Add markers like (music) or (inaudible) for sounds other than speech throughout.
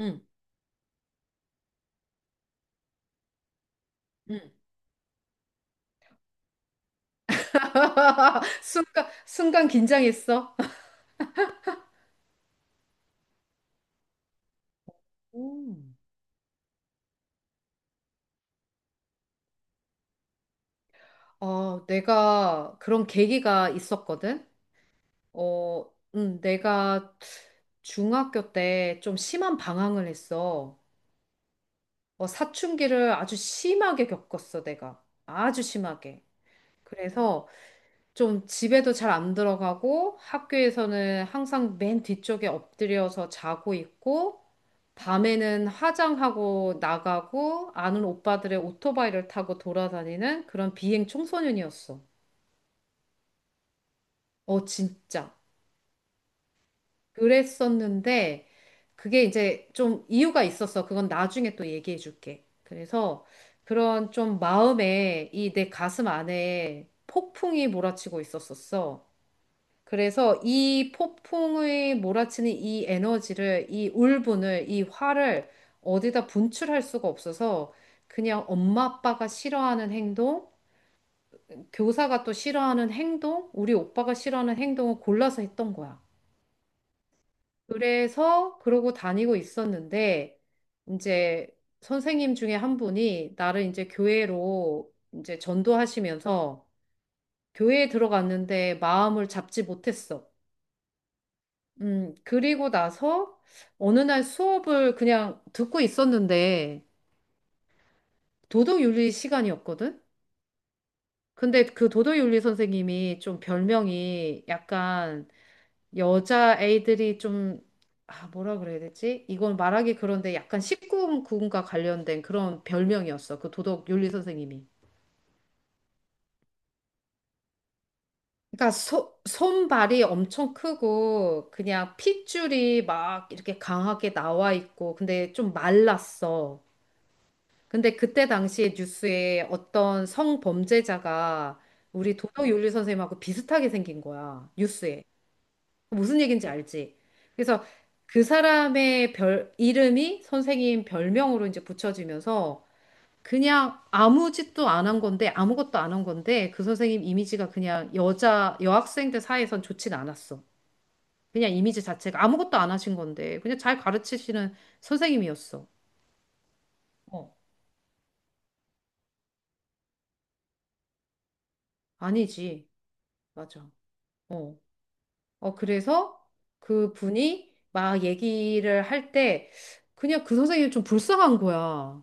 응, 응. (laughs) 순간, 순간 긴장했어. 음. 내가 그런 계기가 있었거든. 내가 중학교 때 좀 심한 방황을 했어. 사춘기를 아주 심하게 겪었어, 내가. 아주 심하게. 그래서 좀 집에도 잘 안 들어가고 학교에서는 항상 맨 뒤쪽에 엎드려서 자고 있고 밤에는 화장하고 나가고 아는 오빠들의 오토바이를 타고 돌아다니는 그런 비행 청소년이었어. 어, 진짜. 그랬었는데 그게 이제 좀 이유가 있었어. 그건 나중에 또 얘기해 줄게. 그래서 그런 좀 마음에 이 내 가슴 안에 폭풍이 몰아치고 있었었어. 그래서 이 폭풍의 몰아치는 이 에너지를, 이 울분을, 이 화를 어디다 분출할 수가 없어서 그냥 엄마 아빠가 싫어하는 행동, 교사가 또 싫어하는 행동, 우리 오빠가 싫어하는 행동을 골라서 했던 거야. 그래서 그러고 다니고 있었는데 이제 선생님 중에 한 분이 나를 이제 교회로 이제 전도하시면서 교회에 들어갔는데 마음을 잡지 못했어. 그리고 나서 어느 날 수업을 그냥 듣고 있었는데 도덕윤리 시간이었거든? 근데 그 도덕윤리 선생님이 좀 별명이 약간 여자 애들이 좀, 아, 뭐라 그래야 되지? 이건 말하기 그런데 약간 1구금과 관련된 그런 별명이었어. 그 도덕윤리 선생님이. 그러니까 손발이 엄청 크고 그냥 핏줄이 막 이렇게 강하게 나와 있고 근데 좀 말랐어. 근데 그때 당시에 뉴스에 어떤 성범죄자가 우리 도덕 윤리 선생님하고 비슷하게 생긴 거야. 뉴스에. 무슨 얘기인지 알지? 그래서 그 사람의 이름이 선생님 별명으로 이제 붙여지면서 그냥 아무 짓도 안 한 건데, 아무것도 안 한 건데, 그 선생님 이미지가 그냥 여학생들 사이에선 좋진 않았어. 그냥 이미지 자체가 아무것도 안 하신 건데, 그냥 잘 가르치시는 선생님이었어. 어, 아니지. 맞아. 어. 그래서 그 분이 막 얘기를 할 때 그냥 그 선생님이 좀 불쌍한 거야.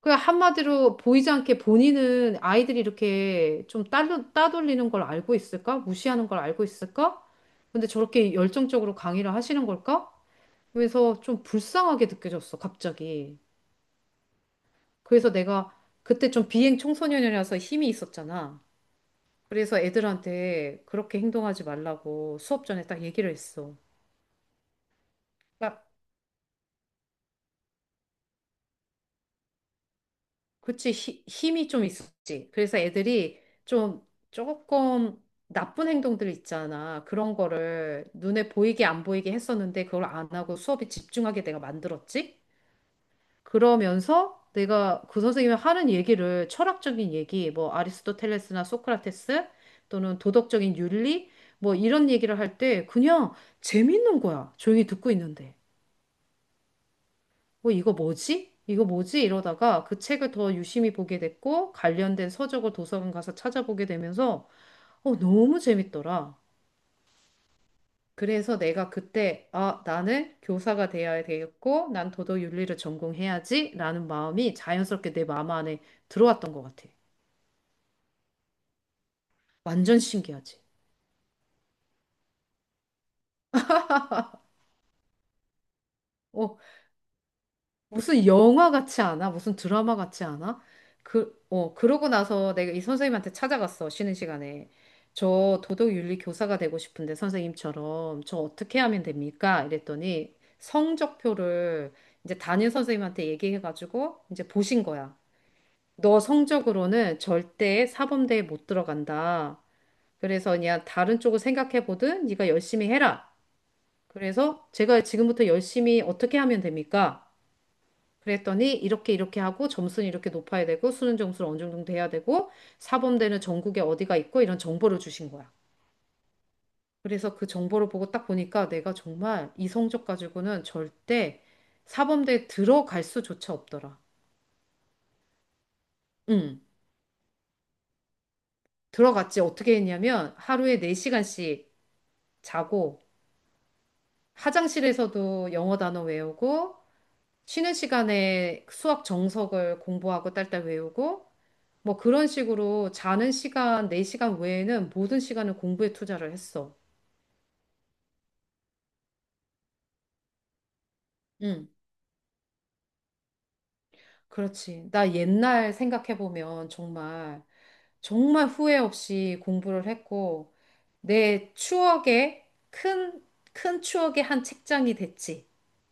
그냥 한마디로 보이지 않게 본인은 아이들이 이렇게 좀 따돌리는 걸 알고 있을까? 무시하는 걸 알고 있을까? 근데 저렇게 열정적으로 강의를 하시는 걸까? 그래서 좀 불쌍하게 느껴졌어, 갑자기. 그래서 내가 그때 좀 비행 청소년이라서 힘이 있었잖아. 그래서 애들한테 그렇게 행동하지 말라고 수업 전에 딱 얘기를 했어. 그러니까 그치, 힘이 좀 있었지. 그래서 애들이 좀 조금 나쁜 행동들 있잖아. 그런 거를 눈에 보이게 안 보이게 했었는데 그걸 안 하고 수업에 집중하게 내가 만들었지. 그러면서 내가 그 선생님이 하는 얘기를 철학적인 얘기, 뭐 아리스토텔레스나 소크라테스 또는 도덕적인 윤리 뭐 이런 얘기를 할 때 그냥 재밌는 거야. 조용히 듣고 있는데. 어, 이거 뭐지? 이거 뭐지? 이러다가 그 책을 더 유심히 보게 됐고, 관련된 서적을 도서관 가서 찾아보게 되면서, 너무 재밌더라. 그래서 내가 그때, 아, 나는 교사가 되어야 되겠고, 난 도덕윤리를 전공해야지, 라는 마음이 자연스럽게 내 마음 안에 들어왔던 것 같아. 완전 신기하지? 어? 무슨 영화 같지 않아? 무슨 드라마 같지 않아? 그러고 나서 내가 이 선생님한테 찾아갔어, 쉬는 시간에. 저 도덕윤리 교사가 되고 싶은데, 선생님처럼. 저 어떻게 하면 됩니까? 이랬더니 성적표를 이제 담임 선생님한테 얘기해가지고 이제 보신 거야. 너 성적으로는 절대 사범대에 못 들어간다. 그래서 그냥 다른 쪽을 생각해보든 네가 열심히 해라. 그래서 제가 지금부터 열심히 어떻게 하면 됩니까? 그랬더니 이렇게 이렇게 하고 점수는 이렇게 높아야 되고 수능 점수는 어느 정도 돼야 되고 사범대는 전국에 어디가 있고 이런 정보를 주신 거야. 그래서 그 정보를 보고 딱 보니까 내가 정말 이 성적 가지고는 절대 사범대에 들어갈 수조차 없더라. 응. 들어갔지. 어떻게 했냐면 하루에 4시간씩 자고 화장실에서도 영어 단어 외우고 쉬는 시간에 수학 정석을 공부하고 딸딸 외우고 뭐 그런 식으로 자는 시간, 내 시간 외에는 모든 시간을 공부에 투자를 했어. 응, 그렇지. 나 옛날 생각해보면 정말, 정말 후회 없이 공부를 했고, 내 추억의 큰, 큰 추억의 한 책장이 됐지.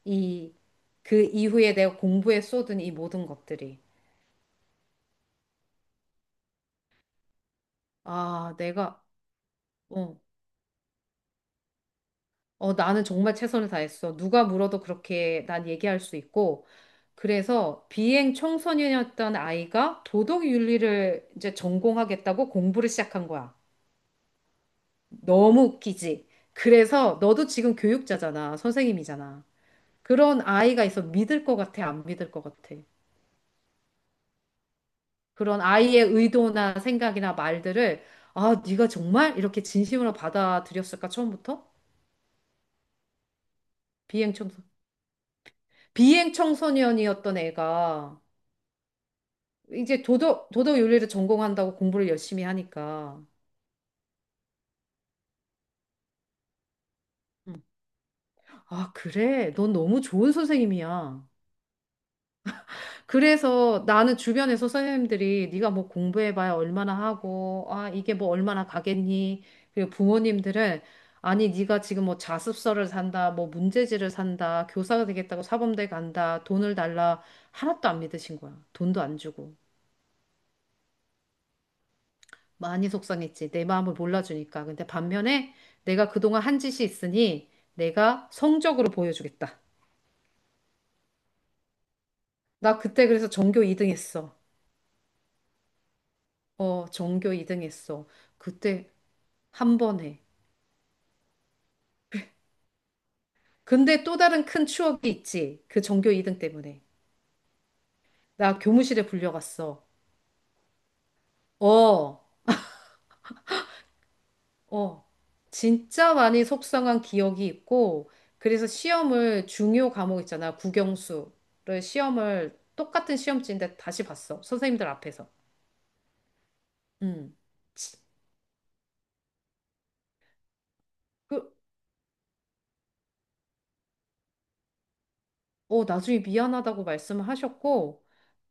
이, 그 이후에 내가 공부에 쏟은 이 모든 것들이. 아, 어 나는 정말 최선을 다했어. 누가 물어도 그렇게 난 얘기할 수 있고. 그래서 비행 청소년이었던 아이가 도덕 윤리를 이제 전공하겠다고 공부를 시작한 거야. 너무 웃기지. 그래서 너도 지금 교육자잖아. 선생님이잖아. 그런 아이가 있어. 믿을 것 같아? 안 믿을 것 같아? 그런 아이의 의도나 생각이나 말들을 아, 네가 정말 이렇게 진심으로 받아들였을까? 처음부터? 비행 청소 비행 청소년이었던 애가 이제 도덕 윤리를 전공한다고 공부를 열심히 하니까. 음. 아, 그래. 넌 너무 좋은 선생님이야. 그래서 나는 주변에서 선생님들이 네가 뭐 공부해봐야 얼마나 하고, 아, 이게 뭐 얼마나 가겠니? 그리고 부모님들은 아니, 네가 지금 뭐 자습서를 산다, 뭐 문제지를 산다, 교사가 되겠다고 사범대 간다, 돈을 달라. 하나도 안 믿으신 거야. 돈도 안 주고. 많이 속상했지. 내 마음을 몰라주니까. 근데 반면에 내가 그동안 한 짓이 있으니 내가 성적으로 보여주겠다. 나 그때 그래서 전교 2등 했어. 어, 전교 2등 했어. 그때 한 번에. 근데 또 다른 큰 추억이 있지. 그 전교 2등 때문에. 나 교무실에 불려갔어. 어, 어. 진짜 많이 속상한 기억이 있고, 그래서 시험을 중요 과목 있잖아. 국영수를 시험을 똑같은 시험지인데 다시 봤어. 선생님들 앞에서. 음. 그, 나중에 미안하다고 말씀을 하셨고,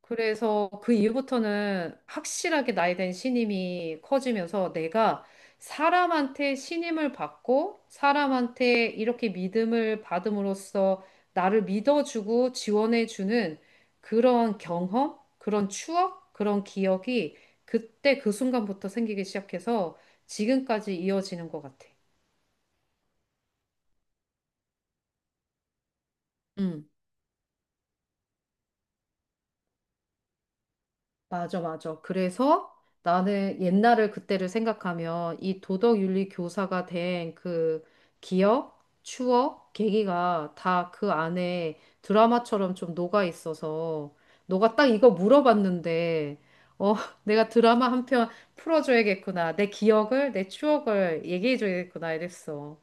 그래서 그 이후부터는 확실하게 나이 된 신임이 커지면서 내가 사람한테 신임을 받고, 사람한테 이렇게 믿음을 받음으로써 나를 믿어주고 지원해주는 그런 경험, 그런 추억, 그런 기억이 그때 그 순간부터 생기기 시작해서 지금까지 이어지는 것 같아. 음. 맞아, 맞아. 그래서 나는 옛날을 그때를 생각하면 이 도덕윤리 교사가 된 그 기억, 추억, 계기가 다 그 안에 드라마처럼 좀 녹아 있어서 너가 딱 이거 물어봤는데 어, (laughs) 내가 드라마 한편 풀어줘야겠구나. 내 기억을, 내 추억을 얘기해줘야겠구나 이랬어.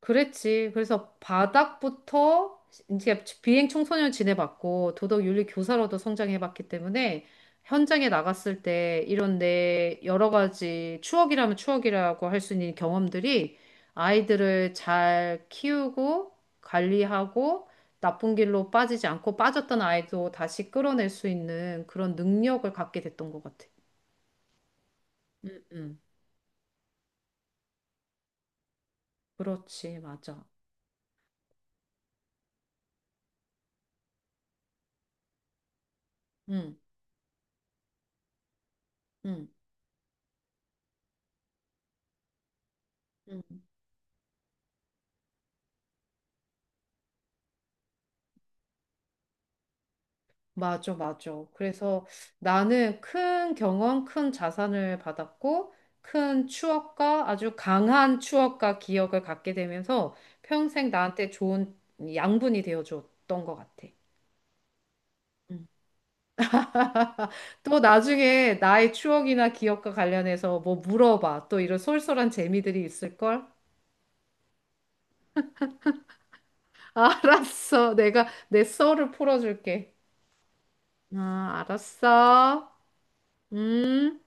그랬지. 그래서 바닥부터 이제 비행 청소년 지내봤고 도덕 윤리 교사로도 성장해봤기 때문에 현장에 나갔을 때 이런 내 여러 가지 추억이라면 추억이라고 할 수 있는 경험들이 아이들을 잘 키우고 관리하고 나쁜 길로 빠지지 않고 빠졌던 아이도 다시 끌어낼 수 있는 그런 능력을 갖게 됐던 것 같아. 음. 그렇지, 맞아. 응, 응. 맞아, 맞아. 그래서 나는 큰 경험, 큰 자산을 받았고, 큰 추억과 아주 강한 추억과 기억을 갖게 되면서 평생 나한테 좋은 양분이 되어 줬던 것 같아. (laughs) 또 나중에 나의 추억이나 기억과 관련해서 뭐 물어봐. 또 이런 쏠쏠한 재미들이 있을걸? (laughs) 알았어. 내가 내 썰을 풀어줄게. 아, 알았어. 음.